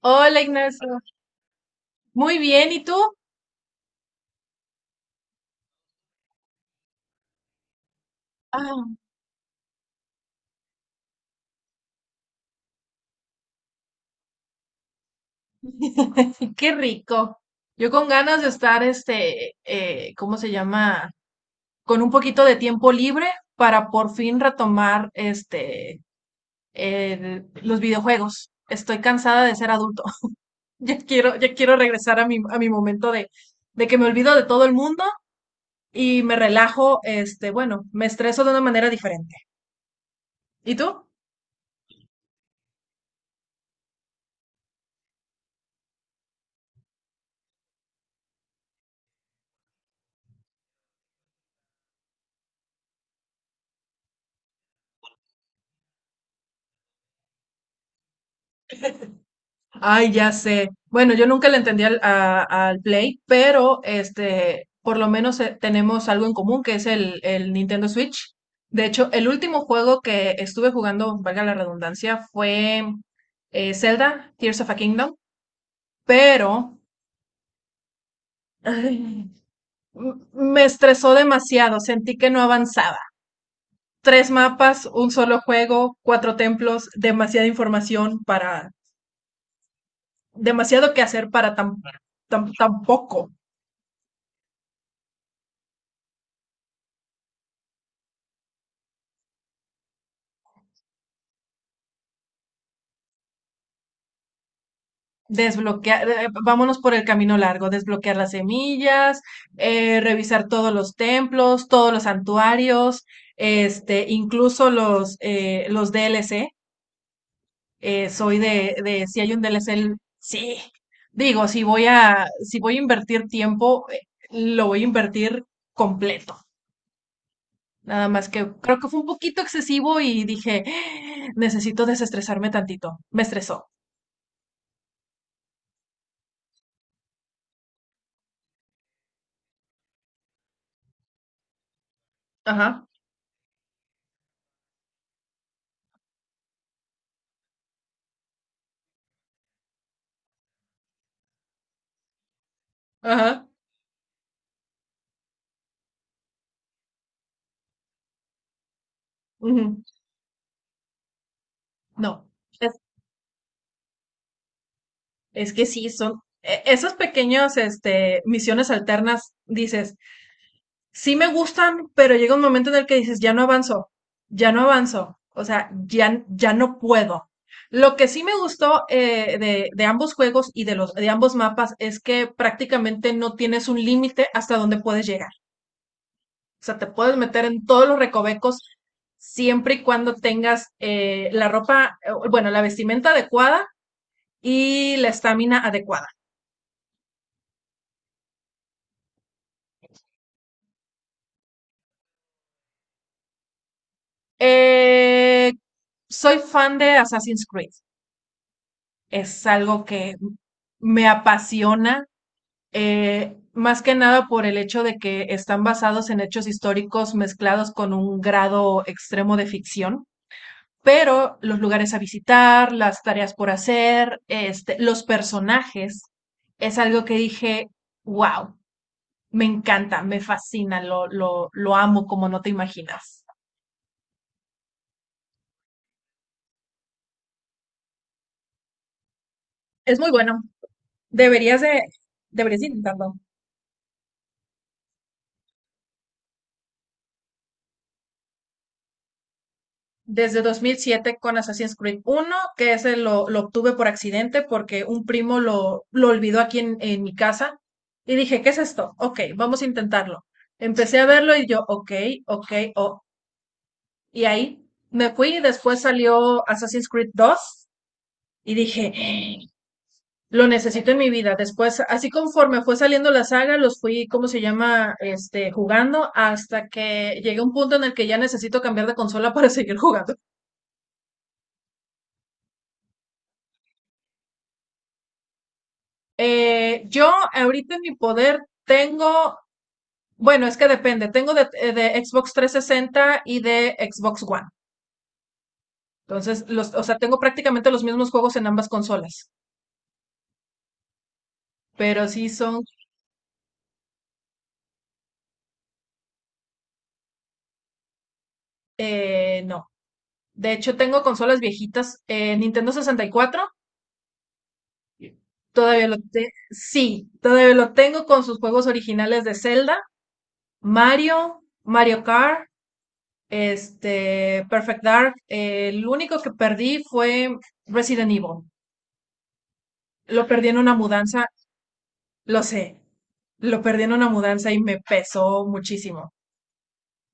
Hola Ignacio, muy bien, ¿y tú? Ah, y qué rico. Yo con ganas de estar, ¿cómo se llama? Con un poquito de tiempo libre para por fin retomar, los videojuegos. Estoy cansada de ser adulto. Ya quiero regresar a a mi momento de que me olvido de todo el mundo y me relajo, bueno, me estreso de una manera diferente. ¿Y tú? Ay, ya sé. Bueno, yo nunca le entendí al Play, pero por lo menos tenemos algo en común, que es el Nintendo Switch. De hecho, el último juego que estuve jugando, valga la redundancia, fue Zelda, Tears of a Kingdom, pero ay, me estresó demasiado, sentí que no avanzaba. Tres mapas, un solo juego, cuatro templos, demasiada información para, demasiado que hacer para tan poco. Desbloquear, vámonos por el camino largo, desbloquear las semillas, revisar todos los templos, todos los santuarios, incluso los DLC. Soy si hay un D DLC, sí. Digo, si voy a invertir tiempo, lo voy a invertir completo. Nada más que creo que fue un poquito excesivo y dije, necesito desestresarme tantito. Me estresó. Ajá, ajá. Ujú. No. Es que sí, son esos pequeños, misiones alternas, dices, sí me gustan, pero llega un momento en el que dices, ya no avanzo, o sea, ya no puedo. Lo que sí me gustó de ambos juegos y de los de ambos mapas es que prácticamente no tienes un límite hasta donde puedes llegar. O sea, te puedes meter en todos los recovecos siempre y cuando tengas bueno, la vestimenta adecuada y la estamina adecuada. Eh, soy fan de Assassin's Creed. Es algo que me apasiona, más que nada por el hecho de que están basados en hechos históricos mezclados con un grado extremo de ficción. Pero los lugares a visitar, las tareas por hacer, los personajes, es algo que dije, wow, me encanta, me fascina, lo amo como no te imaginas. Es muy bueno. Deberías de, deberías intentarlo. Desde 2007 con Assassin's Creed uno que ese lo obtuve por accidente porque un primo lo olvidó aquí en mi casa. Y dije, ¿qué es esto? Ok, vamos a intentarlo. Empecé a verlo y yo, ok, ok, oh. Y ahí me fui y después salió Assassin's Creed 2 y dije, "¡Ah! Lo necesito en mi vida. Después, así conforme fue saliendo la saga, los fui, ¿cómo se llama? Jugando hasta que llegué a un punto en el que ya necesito cambiar de consola para seguir jugando. Yo ahorita en mi poder tengo, bueno, es que depende, tengo de Xbox 360 y de Xbox One. Entonces, o sea, tengo prácticamente los mismos juegos en ambas consolas, pero sí son, no. De hecho, tengo consolas viejitas, Nintendo 64, todavía lo tengo, sí, todavía lo tengo con sus juegos originales de Zelda, Mario, Mario Kart, Perfect Dark. Eh, el único que perdí fue Resident Evil. Lo perdí en una mudanza, lo sé, lo perdí en una mudanza y me pesó muchísimo.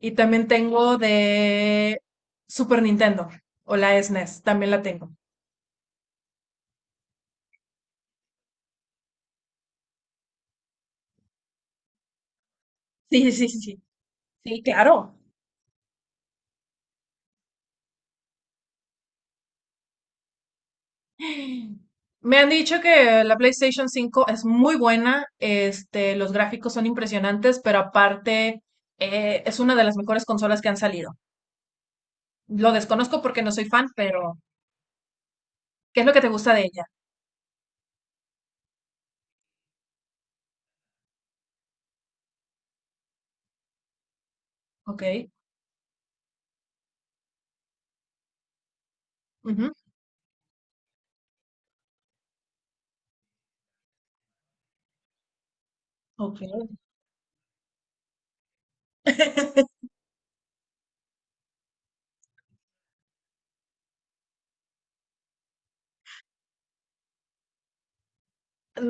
Y también tengo de Super Nintendo o la SNES, también la tengo. Sí, sí, claro. Me han dicho que la PlayStation cinco es muy buena, los gráficos son impresionantes, pero aparte es una de las mejores consolas que han salido. Lo desconozco porque no soy fan, pero ¿qué es lo que te gusta de ella? Ok. Ujú, ok.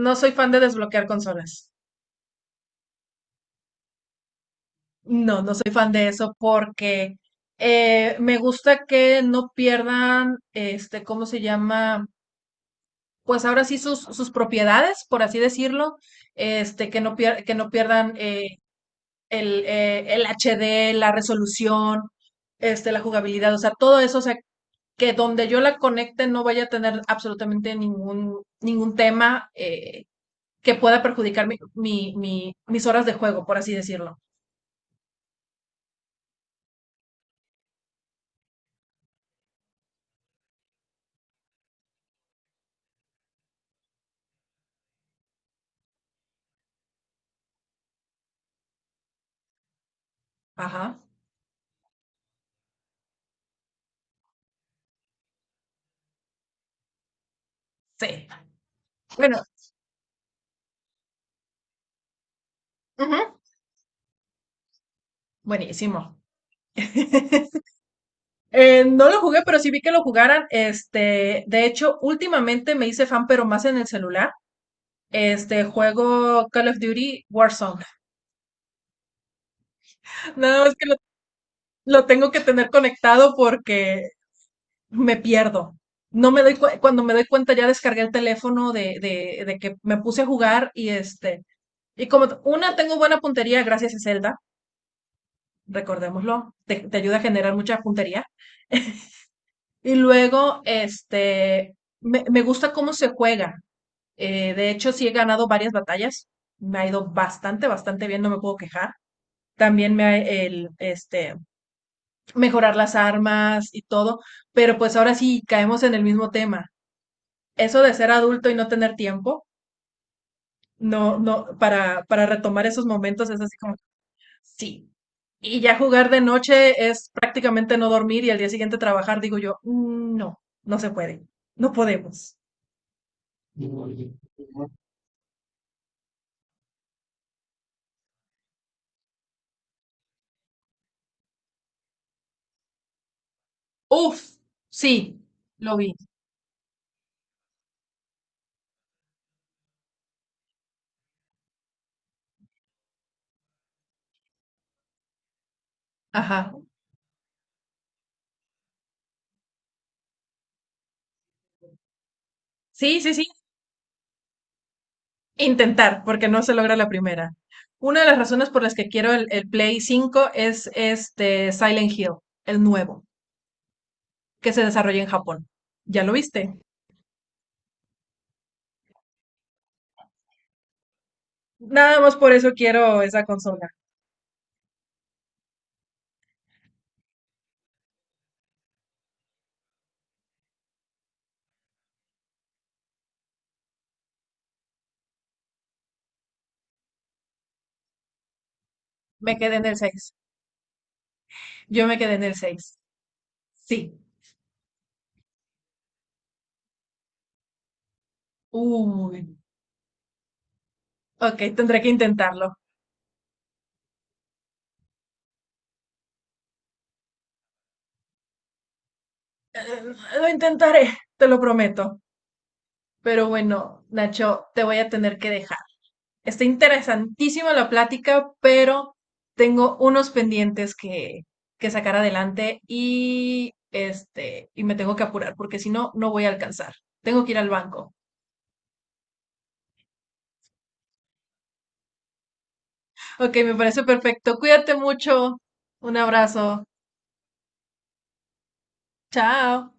No soy fan de desbloquear consolas. No, no soy fan de eso porque me gusta que no pierdan, este, ¿cómo se llama? Pues ahora sí sus propiedades, por así decirlo, que no pierdan el HD, la resolución, la jugabilidad, o sea, todo eso, o sea, que donde yo la conecte no vaya a tener absolutamente ningún tema que pueda perjudicar mis horas de juego, por así decirlo. Ajá, sí. Bueno, ujú, buenísimo. No lo jugué, pero sí vi que lo jugaran. Este, de hecho, últimamente me hice fan, pero más en el celular. Este, juego Call of Duty Warzone. Nada más que lo tengo que tener conectado porque me pierdo. No me doy cuando me doy cuenta ya descargué el teléfono de que me puse a jugar y y como t- una tengo buena puntería gracias a Zelda. Recordémoslo, te ayuda a generar mucha puntería. Y luego, me gusta cómo se juega. De hecho, sí he ganado varias batallas. Me ha ido bastante, bastante bien, no me puedo quejar. También me ha, mejorar las armas y todo. Pero pues ahora sí caemos en el mismo tema. Eso de ser adulto y no tener tiempo, no, no, para retomar esos momentos es así como, sí. Y ya jugar de noche es prácticamente no dormir y al día siguiente trabajar, digo yo, "Mm, no se puede, no podemos. Uf, sí, lo vi. Ajá. Sí, sí. Intentar, porque no se logra la primera. Una de las razones por las que quiero el Play 5 es este Silent Hill, el nuevo, que se desarrolla en Japón. ¿Ya lo viste? Nada más por eso quiero esa consola. Me quedé en el 6. Yo me quedé en el 6. Sí. Uy. Ok, tendré que intentarlo. Eh, Lo intentaré, te lo prometo. Pero bueno, Nacho, te voy a tener que dejar. Está interesantísima la plática, pero tengo unos pendientes que sacar adelante y y me tengo que apurar porque si no, no voy a alcanzar. Tengo que ir al banco. Ok, me parece perfecto. Cuídate mucho. Un abrazo. Chao.